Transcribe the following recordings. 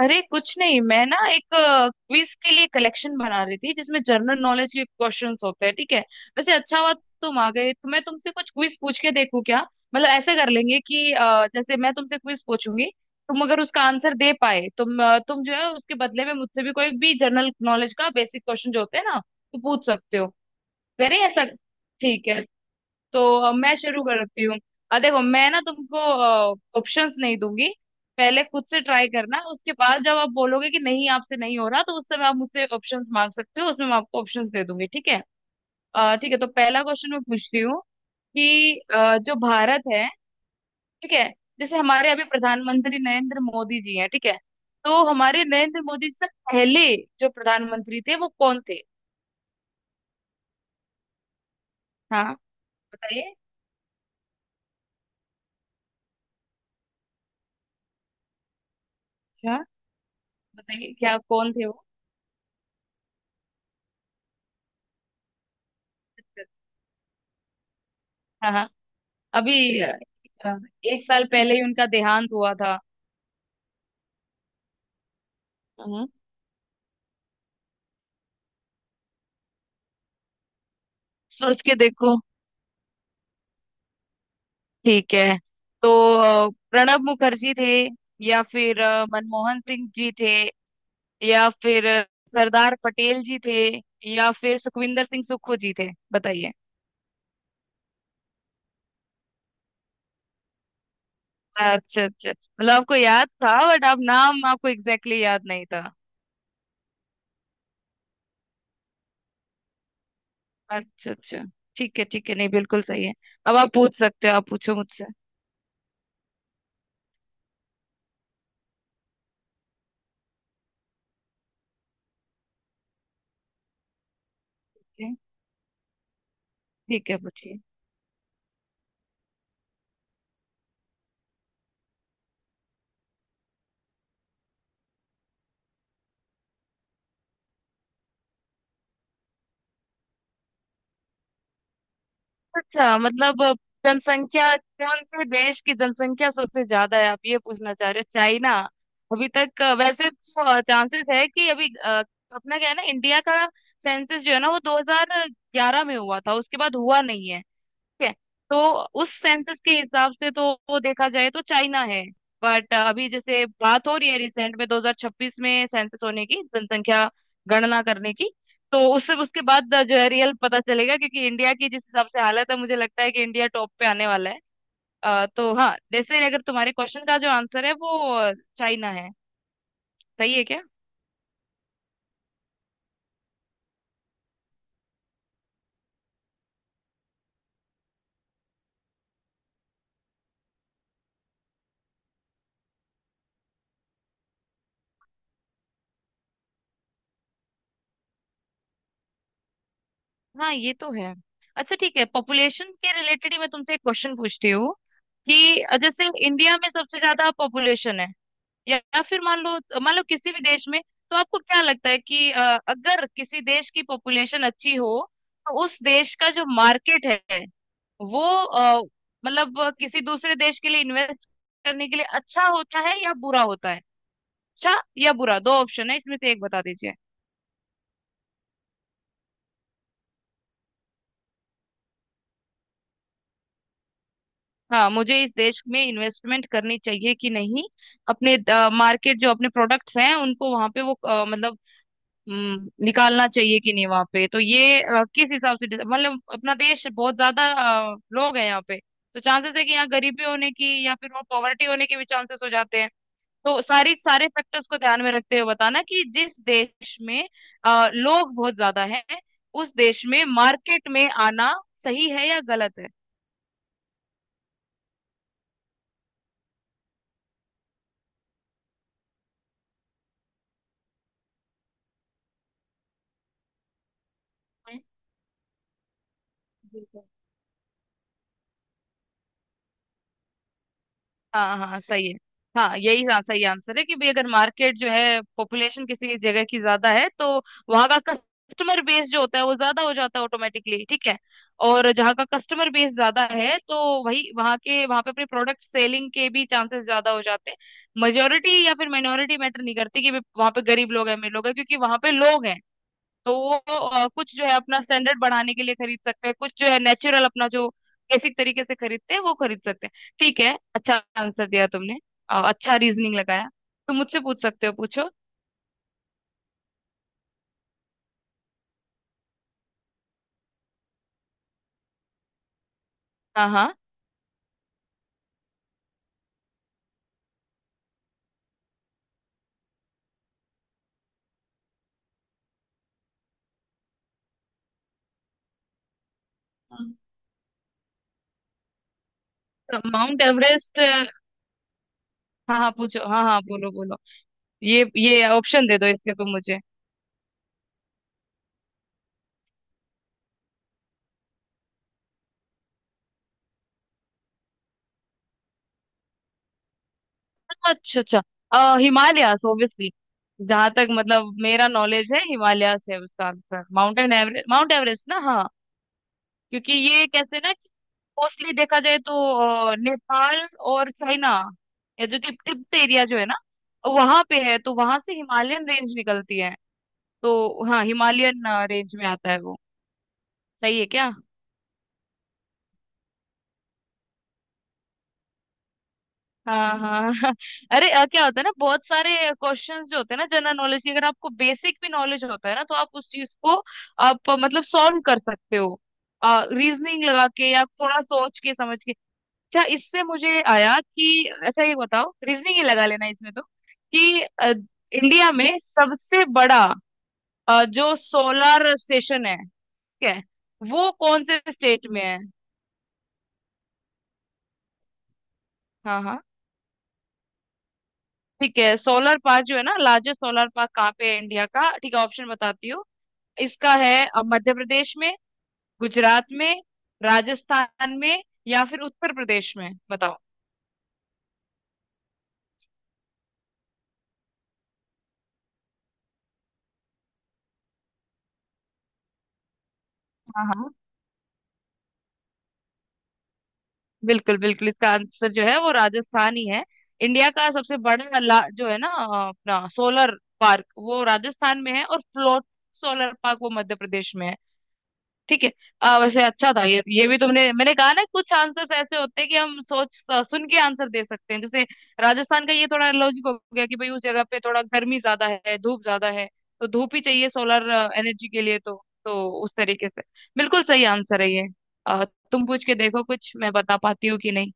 अरे कुछ नहीं, मैं ना एक क्विज के लिए कलेक्शन बना रही थी जिसमें जनरल नॉलेज के क्वेश्चंस होते हैं, ठीक है। वैसे अच्छा हुआ तुम आ गए तो मैं तुमसे कुछ क्विज पूछ के देखूं क्या। मतलब ऐसा कर लेंगे कि जैसे मैं तुमसे क्विज पूछूंगी। तुम अगर उसका आंसर दे पाए तुम जो है उसके बदले में मुझसे भी कोई भी जनरल नॉलेज का बेसिक क्वेश्चन जो होते हैं ना तो पूछ सकते हो। करें ऐसा? ठीक है। तो मैं शुरू करती हूँ। देखो, मैं ना तुमको ऑप्शंस नहीं दूंगी। पहले खुद से ट्राई करना, उसके बाद जब आप बोलोगे कि नहीं, आपसे नहीं हो रहा तो उस समय आप मुझसे ऑप्शंस मांग सकते हो, उसमें मैं आपको ऑप्शंस दे दूंगी, ठीक है। ठीक है, तो पहला क्वेश्चन मैं पूछती हूँ कि जो भारत है, ठीक है। जैसे हमारे अभी प्रधानमंत्री नरेंद्र मोदी जी हैं, ठीक है। तो हमारे नरेंद्र मोदी जी से पहले जो प्रधानमंत्री थे वो कौन थे? हाँ, बताइए। अच्छा, बताइए, क्या कौन थे वो? हाँ हाँ। अभी अ, एक साल पहले ही उनका देहांत हुआ था। हम्म। सोच के देखो, ठीक है। तो प्रणब मुखर्जी थे, या फिर मनमोहन सिंह जी थे, या फिर सरदार पटेल जी थे, या फिर सुखविंदर सिंह सुक्खू जी थे, बताइए। अच्छा अच्छा, मतलब आपको याद था बट आप नाम, आपको एग्जैक्टली exactly याद नहीं था। अच्छा अच्छा, ठीक है ठीक है, नहीं बिल्कुल सही है। अब आप पूछ सकते हो, आप पूछो मुझसे। ठीक है, पूछिए। अच्छा, मतलब जनसंख्या, कौन से देश की जनसंख्या सबसे ज्यादा है, आप ये पूछना चाह रहे हो? चाइना। अभी तक वैसे तो चांसेस है कि अभी अपना क्या है ना, इंडिया का सेंसस जो है ना वो 2011 में हुआ था, उसके बाद हुआ नहीं है। है। तो उस सेंसस के हिसाब से तो वो देखा जाए तो चाइना है। बट अभी जैसे बात हो रही है रिसेंट में, 2026 में सेंसस होने की, जनसंख्या गणना करने की, तो उससे उसके बाद जो है रियल पता चलेगा, क्योंकि इंडिया की जिस हिसाब से हालत है, मुझे लगता है कि इंडिया टॉप पे आने वाला है। तो हाँ, जैसे अगर तुम्हारे क्वेश्चन का जो आंसर है, वो चाइना है। सही है क्या? हाँ, ये तो है। अच्छा ठीक है, पॉपुलेशन के रिलेटेड ही मैं तुमसे एक क्वेश्चन पूछती हूँ कि जैसे इंडिया में सबसे ज्यादा पॉपुलेशन है, या फिर मान लो किसी भी देश में। तो आपको क्या लगता है कि अगर किसी देश की पॉपुलेशन अच्छी हो, तो उस देश का जो मार्केट है वो, मतलब किसी दूसरे देश के लिए इन्वेस्ट करने के लिए अच्छा होता है या बुरा होता है? अच्छा या बुरा, दो ऑप्शन है, इसमें से एक बता दीजिए। हाँ, मुझे इस देश में इन्वेस्टमेंट करनी चाहिए कि नहीं, अपने मार्केट, जो अपने प्रोडक्ट्स हैं उनको वहां पे वो मतलब निकालना चाहिए कि नहीं वहां पे। तो ये किस हिसाब से मतलब अपना देश बहुत ज्यादा, लोग हैं यहाँ पे। तो चांसेस है कि यहाँ गरीबी होने की, या फिर वो पॉवर्टी होने के भी चांसेस हो जाते हैं। तो सारी सारे फैक्टर्स को ध्यान में रखते हुए बताना कि जिस देश में लोग बहुत ज्यादा हैं, उस देश में मार्केट में आना सही है या गलत है। बिल्कुल। हाँ हाँ हाँ, सही है। हाँ, यही हाँ, सही आंसर है कि भाई, अगर मार्केट जो है, पॉपुलेशन किसी जगह की ज्यादा है, तो वहां का कस्टमर बेस जो होता है वो ज्यादा हो जाता है ऑटोमेटिकली, ठीक है। और जहाँ का कस्टमर बेस ज्यादा है, तो वही वहाँ के वहाँ पे अपने प्रोडक्ट सेलिंग के भी चांसेस ज्यादा हो जाते हैं। मेजोरिटी या फिर माइनॉरिटी मैटर नहीं करती कि भाई वहाँ पे गरीब लोग हैं अमीर लोग हैं, क्योंकि वहाँ पे लोग हैं, तो वो कुछ जो है अपना स्टैंडर्ड बढ़ाने के लिए खरीद सकते हैं, कुछ जो है नेचुरल अपना जो बेसिक तरीके से खरीदते हैं वो खरीद सकते हैं। ठीक है, अच्छा आंसर दिया तुमने। अच्छा रीजनिंग लगाया। तुम मुझसे पूछ सकते हो, पूछो। हाँ हाँ, तो माउंट एवरेस्ट, हाँ। हाँ पूछो, हाँ हाँ, बोलो बोलो। ये ऑप्शन दे दो इसके, तुम मुझे। अच्छा अच्छा। हिमालयास ऑब्वियसली। जहां तक मतलब मेरा नॉलेज है, हिमालयास है उसका आंसर, माउंट एवरेस्ट ना, हाँ। क्योंकि ये, कैसे ना, मोस्टली देखा जाए तो नेपाल और चाइना, ये जो तिब्बत एरिया जो है ना, वहां पे है, तो वहां से हिमालयन रेंज निकलती है। तो हाँ, हिमालयन रेंज में आता है वो। सही है क्या? हाँ हाँ हाँ। अरे क्या होता है ना, बहुत सारे क्वेश्चंस जो होते हैं ना जनरल नॉलेज के, अगर आपको बेसिक भी नॉलेज होता है ना, तो आप उस चीज को, आप मतलब सॉल्व कर सकते हो, रीजनिंग लगा के या थोड़ा सोच के समझ के। अच्छा, इससे मुझे आया कि अच्छा ये बताओ, रीजनिंग ही लगा लेना इसमें तो, कि इंडिया में सबसे बड़ा जो सोलर स्टेशन है, ठीक है, वो कौन से स्टेट में है? हाँ हाँ, ठीक है, सोलर पार्क जो है ना, लार्जेस्ट सोलर पार्क कहाँ पे है इंडिया का, ठीक है ऑप्शन बताती हूँ। इसका है मध्य प्रदेश में, गुजरात में, राजस्थान में, या फिर उत्तर प्रदेश में, बताओ। हाँ हाँ, बिल्कुल बिल्कुल, इसका आंसर जो है वो राजस्थान ही है। इंडिया का सबसे बड़ा जो है ना, अपना सोलर पार्क वो राजस्थान में है, और फ्लोट सोलर पार्क वो मध्य प्रदेश में है। ठीक है। वैसे अच्छा था, ये भी तुमने, मैंने कहा ना, कुछ आंसर्स ऐसे होते हैं कि हम सोच सुन के आंसर दे सकते हैं, जैसे राजस्थान का ये थोड़ा लॉजिक हो गया कि भाई उस जगह पे थोड़ा गर्मी ज्यादा है धूप ज्यादा है, तो धूप ही चाहिए सोलर एनर्जी के लिए, तो उस तरीके से बिल्कुल सही आंसर है ये। अ, तुम पूछ के देखो कुछ मैं बता पाती हूँ कि नहीं।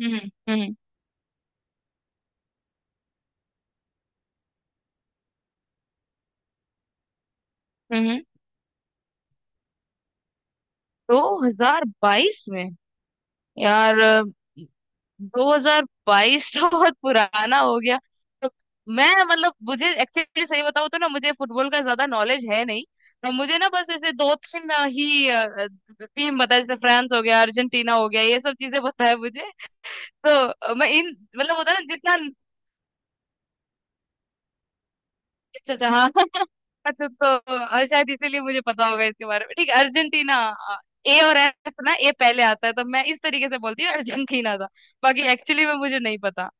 हम्म हम्म हम्म हम्म। 2022 में, यार 2022 तो बहुत पुराना हो गया। तो मैं, मतलब, मुझे एक्चुअली सही बताऊं तो ना, मुझे फुटबॉल का ज्यादा नॉलेज है नहीं। तो मुझे ना बस ऐसे दो तीन ही टीम बता, जैसे फ्रांस हो गया, अर्जेंटीना हो गया, ये सब चीजें पता है मुझे। तो मैं इन, मतलब होता है ना, जितना, अच्छा अच्छा हाँ अच्छा तो, और शायद इसीलिए मुझे पता होगा इसके बारे में, ठीक है अर्जेंटीना। A और F ना, A पहले आता है तो मैं इस तरीके से बोलती हूँ, अर्जेंटीना था। बाकी एक्चुअली में मुझे नहीं पता।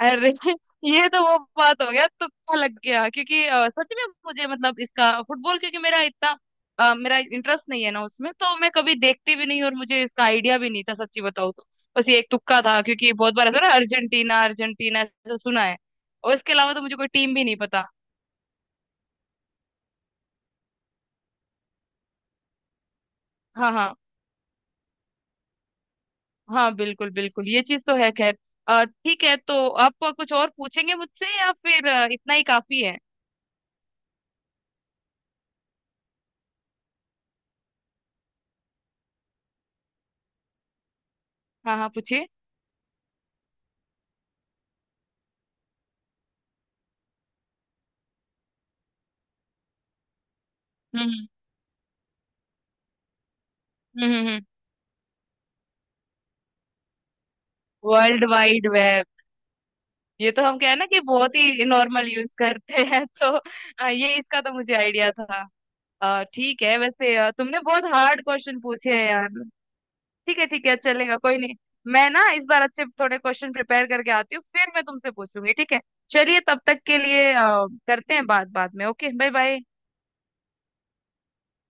अरे ये तो वो बात हो गया, तुक्का लग गया, क्योंकि सच में मुझे, मतलब इसका फुटबॉल, क्योंकि मेरा इतना मेरा इंटरेस्ट नहीं है ना उसमें, तो मैं कभी देखती भी नहीं और मुझे इसका आइडिया भी नहीं था, सच्ची बताऊँ तो। बस ये एक तुक्का था, क्योंकि बहुत बार ऐसा ना, अर्जेंटीना अर्जेंटीना ऐसा सुना है। और इसके अलावा तो मुझे कोई टीम भी नहीं पता। हाँ हाँ हाँ, बिल्कुल बिल्कुल, ये चीज तो है, खैर ठीक है, तो आप कुछ और पूछेंगे मुझसे या फिर इतना ही काफी है? हाँ हाँ, पूछिए। हम्म हम्म। World wide web. ये तो हम, क्या है ना कि बहुत ही नॉर्मल यूज करते हैं, तो ये इसका तो मुझे आइडिया था। ठीक है, वैसे तुमने बहुत हार्ड क्वेश्चन पूछे हैं यार। ठीक है ठीक है, चलेगा, कोई नहीं, मैं ना इस बार अच्छे थोड़े क्वेश्चन प्रिपेयर करके आती हूँ फिर मैं तुमसे पूछूंगी, ठीक है। चलिए, तब तक के लिए करते हैं बात बाद में, ओके, बाय बाय।